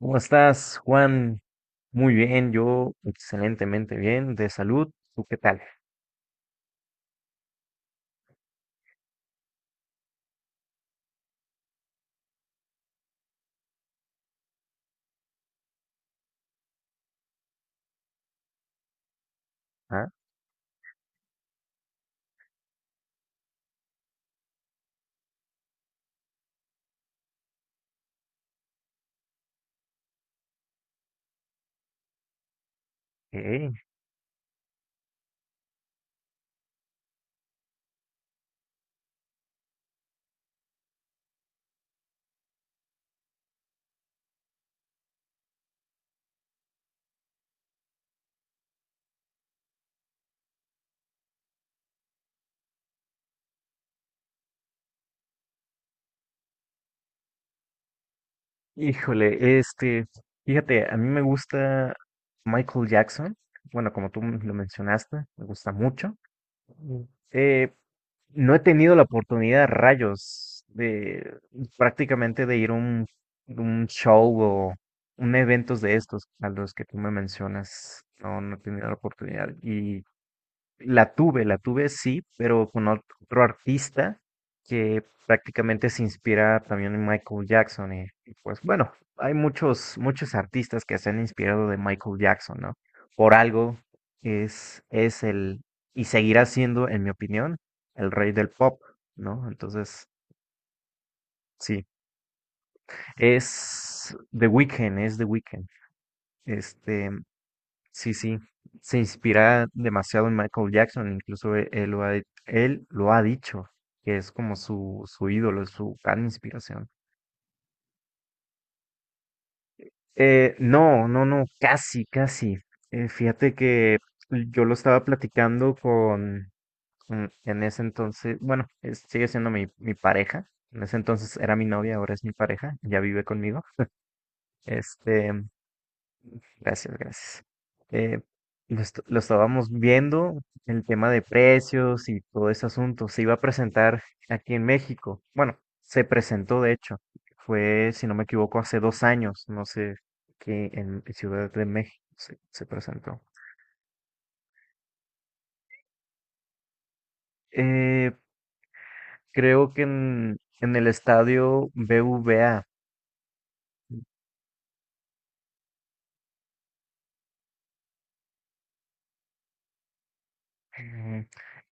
¿Cómo estás, Juan? Muy bien, yo excelentemente bien, de salud. ¿Tú qué tal? Ah, ok. Híjole, fíjate, a mí me gusta Michael Jackson. Bueno, como tú lo mencionaste, me gusta mucho. Mm. Eh, no he tenido la oportunidad, rayos, de prácticamente de ir a un show o un eventos de estos a los que tú me mencionas. No, no he tenido la oportunidad. Y la tuve, la tuve sí, pero con otro artista que prácticamente se inspira también en Michael Jackson. Y pues bueno, hay muchos, muchos artistas que se han inspirado de Michael Jackson, ¿no? Por algo es el, y seguirá siendo, en mi opinión, el rey del pop, ¿no? Entonces, sí, es The Weeknd, es The Weeknd. Este, Sí, sí, se inspira demasiado en Michael Jackson, incluso él, él lo ha dicho, que es como su ídolo, su gran inspiración. No, no, no, casi, casi. Fíjate que yo lo estaba platicando en ese entonces, bueno, sigue siendo mi pareja, en ese entonces era mi novia, ahora es mi pareja, ya vive conmigo. Este, Gracias, gracias. Eh, lo estábamos viendo, el tema de precios y todo ese asunto. Se iba a presentar aquí en México. Bueno, se presentó de hecho. Fue, si no me equivoco, hace dos años. No sé, que en Ciudad de México se presentó. Eh, Creo que en el estadio BVA,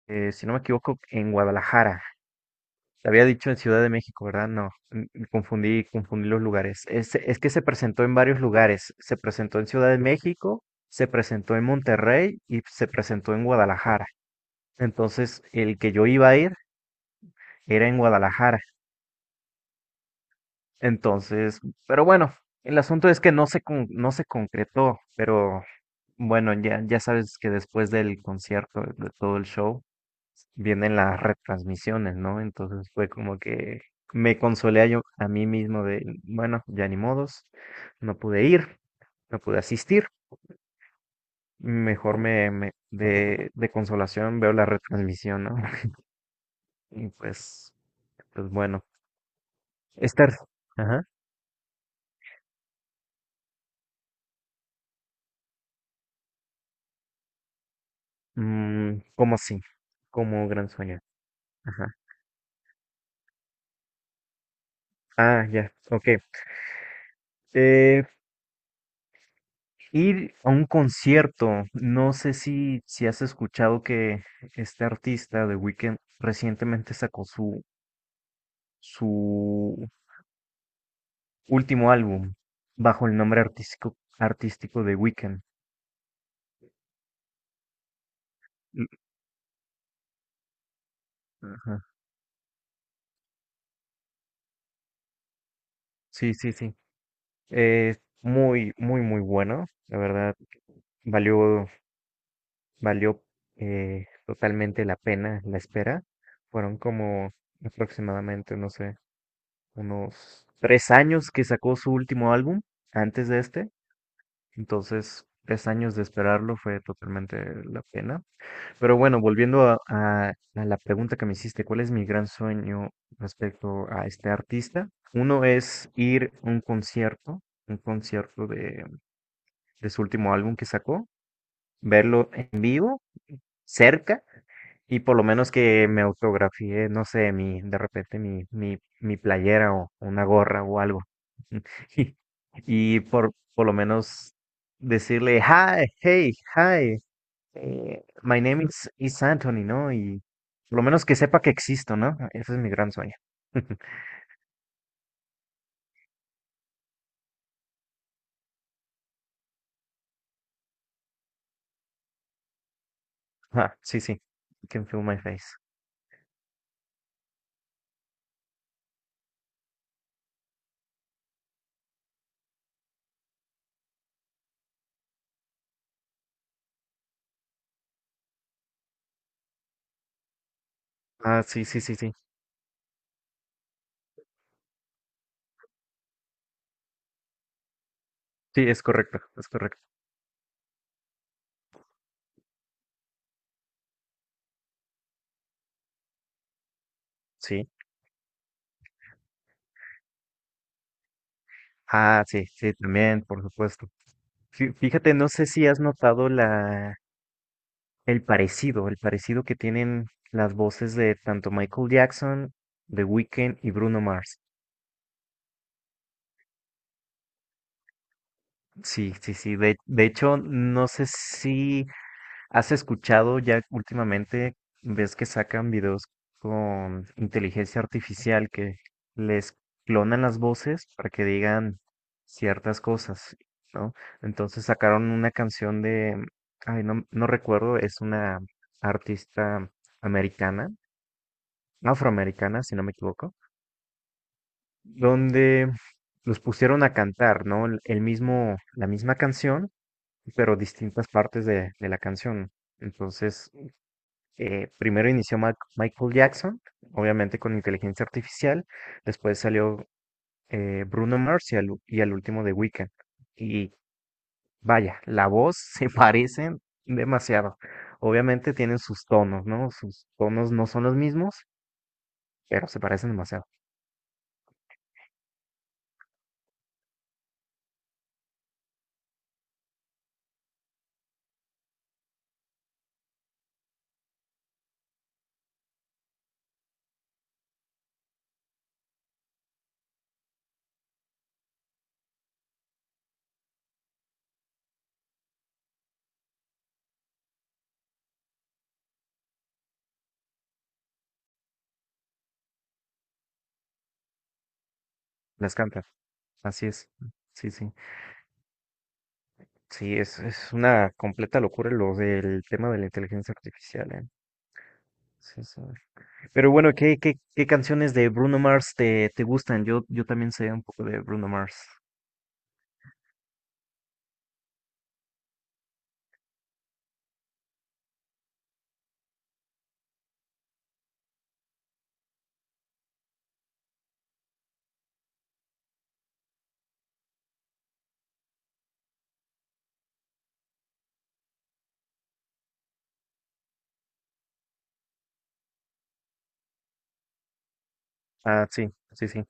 si no me equivoco, en Guadalajara. Te había dicho en Ciudad de México, ¿verdad? No, confundí, confundí los lugares. Es que se presentó en varios lugares. Se presentó en Ciudad de México, se presentó en Monterrey y se presentó en Guadalajara. Entonces, el que yo iba a ir era en Guadalajara. Entonces, pero bueno, el asunto es que no se concretó, pero bueno, ya, ya sabes que después del concierto, de todo el show, vienen las retransmisiones, ¿no? Entonces fue como que me consolé a yo a mí mismo de, bueno, ya ni modos, no pude ir, no pude asistir, mejor de consolación veo la retransmisión, ¿no? Y pues, pues bueno, estar, ajá, mm, como así, como gran sueño, ajá, ah, ya, ok. Eh, Ir a un concierto, no sé si has escuchado que este artista de Weeknd recientemente sacó su último álbum bajo el nombre artístico de Weeknd. L- ajá, sí, sí, sí. Eh, Muy, muy, muy bueno. La verdad, valió, valió totalmente la pena la espera. Fueron como aproximadamente, no sé, unos tres años que sacó su último álbum antes de este. Entonces, tres años de esperarlo fue totalmente la pena. Pero bueno, volviendo a la pregunta que me hiciste, ¿cuál es mi gran sueño respecto a este artista? Uno es ir a un concierto de su último álbum que sacó, verlo en vivo cerca y por lo menos que me autografié, no sé, mi, de repente mi playera o una gorra o algo. Y, y por lo menos decirle, hi, hey, hi, my is Anthony, ¿no? Y por lo menos que sepa que existo, ¿no? Ah, ese es mi gran sueño. Ah, sí, sí. You can feel my face. Ah, sí, sí, sí, sí. Sí, es correcto, es correcto. Sí. Ah, sí, sí, también, por supuesto. Fíjate, no sé si has notado el parecido que tienen las voces de tanto Michael Jackson, The Weeknd y Bruno Mars. Sí, sí, sí. De hecho, no sé si ¿has escuchado ya últimamente, ves que sacan videos con inteligencia artificial que les clonan las voces para que digan ciertas cosas, ¿no? Entonces sacaron una canción de, ay, no, no recuerdo, es una artista americana, afroamericana, si no me equivoco, donde los pusieron a cantar, ¿no? El mismo, la misma canción, pero distintas partes de la canción. Entonces, primero inició Michael Jackson, obviamente con inteligencia artificial, después salió Bruno Mars y al último The Weeknd. Y vaya, la voz se parecen demasiado. Obviamente tienen sus tonos, ¿no? Sus tonos no son los mismos, pero se parecen demasiado. Las cantan. Así es. Sí, sí. Sí, es una completa locura lo del tema de la inteligencia artificial, ¿eh? Sí, sí. Pero bueno, ¿ qué canciones de Bruno Mars te gustan? Yo también sé un poco de Bruno Mars. Ah, sí, sí, sí.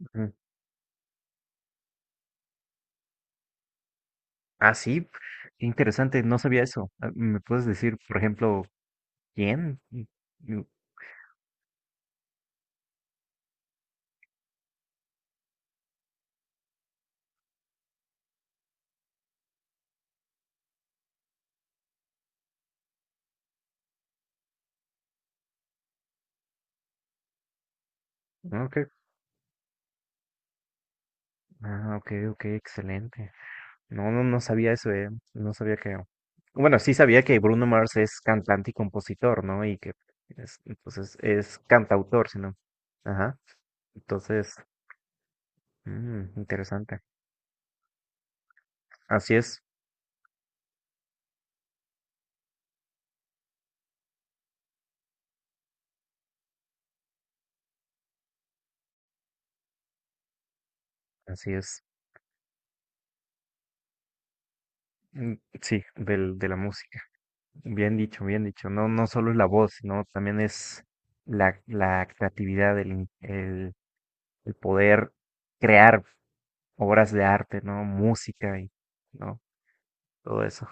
Ujú. Ah, sí, qué interesante, no sabía eso. Ah, ¿me puedes decir, por ejemplo, quién? Y- ah, ok, ah, ok, ok, excelente. No, no, no sabía eso, eh. No sabía que... Bueno, sí sabía que Bruno Mars es cantante y compositor, ¿no? Y que es, entonces es cantautor, sino. Ajá. Entonces, mm, interesante. Así es, así es. Mm, sí, del, de la música. Bien dicho, bien dicho. No, no solo es la voz, sino también es la creatividad, el poder crear obras de arte, ¿no? Música y, ¿no? Todo eso.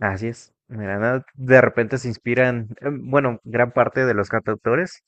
Así es. Mira, ¿no? De repente se inspiran, em, bueno, gran parte de los cantautores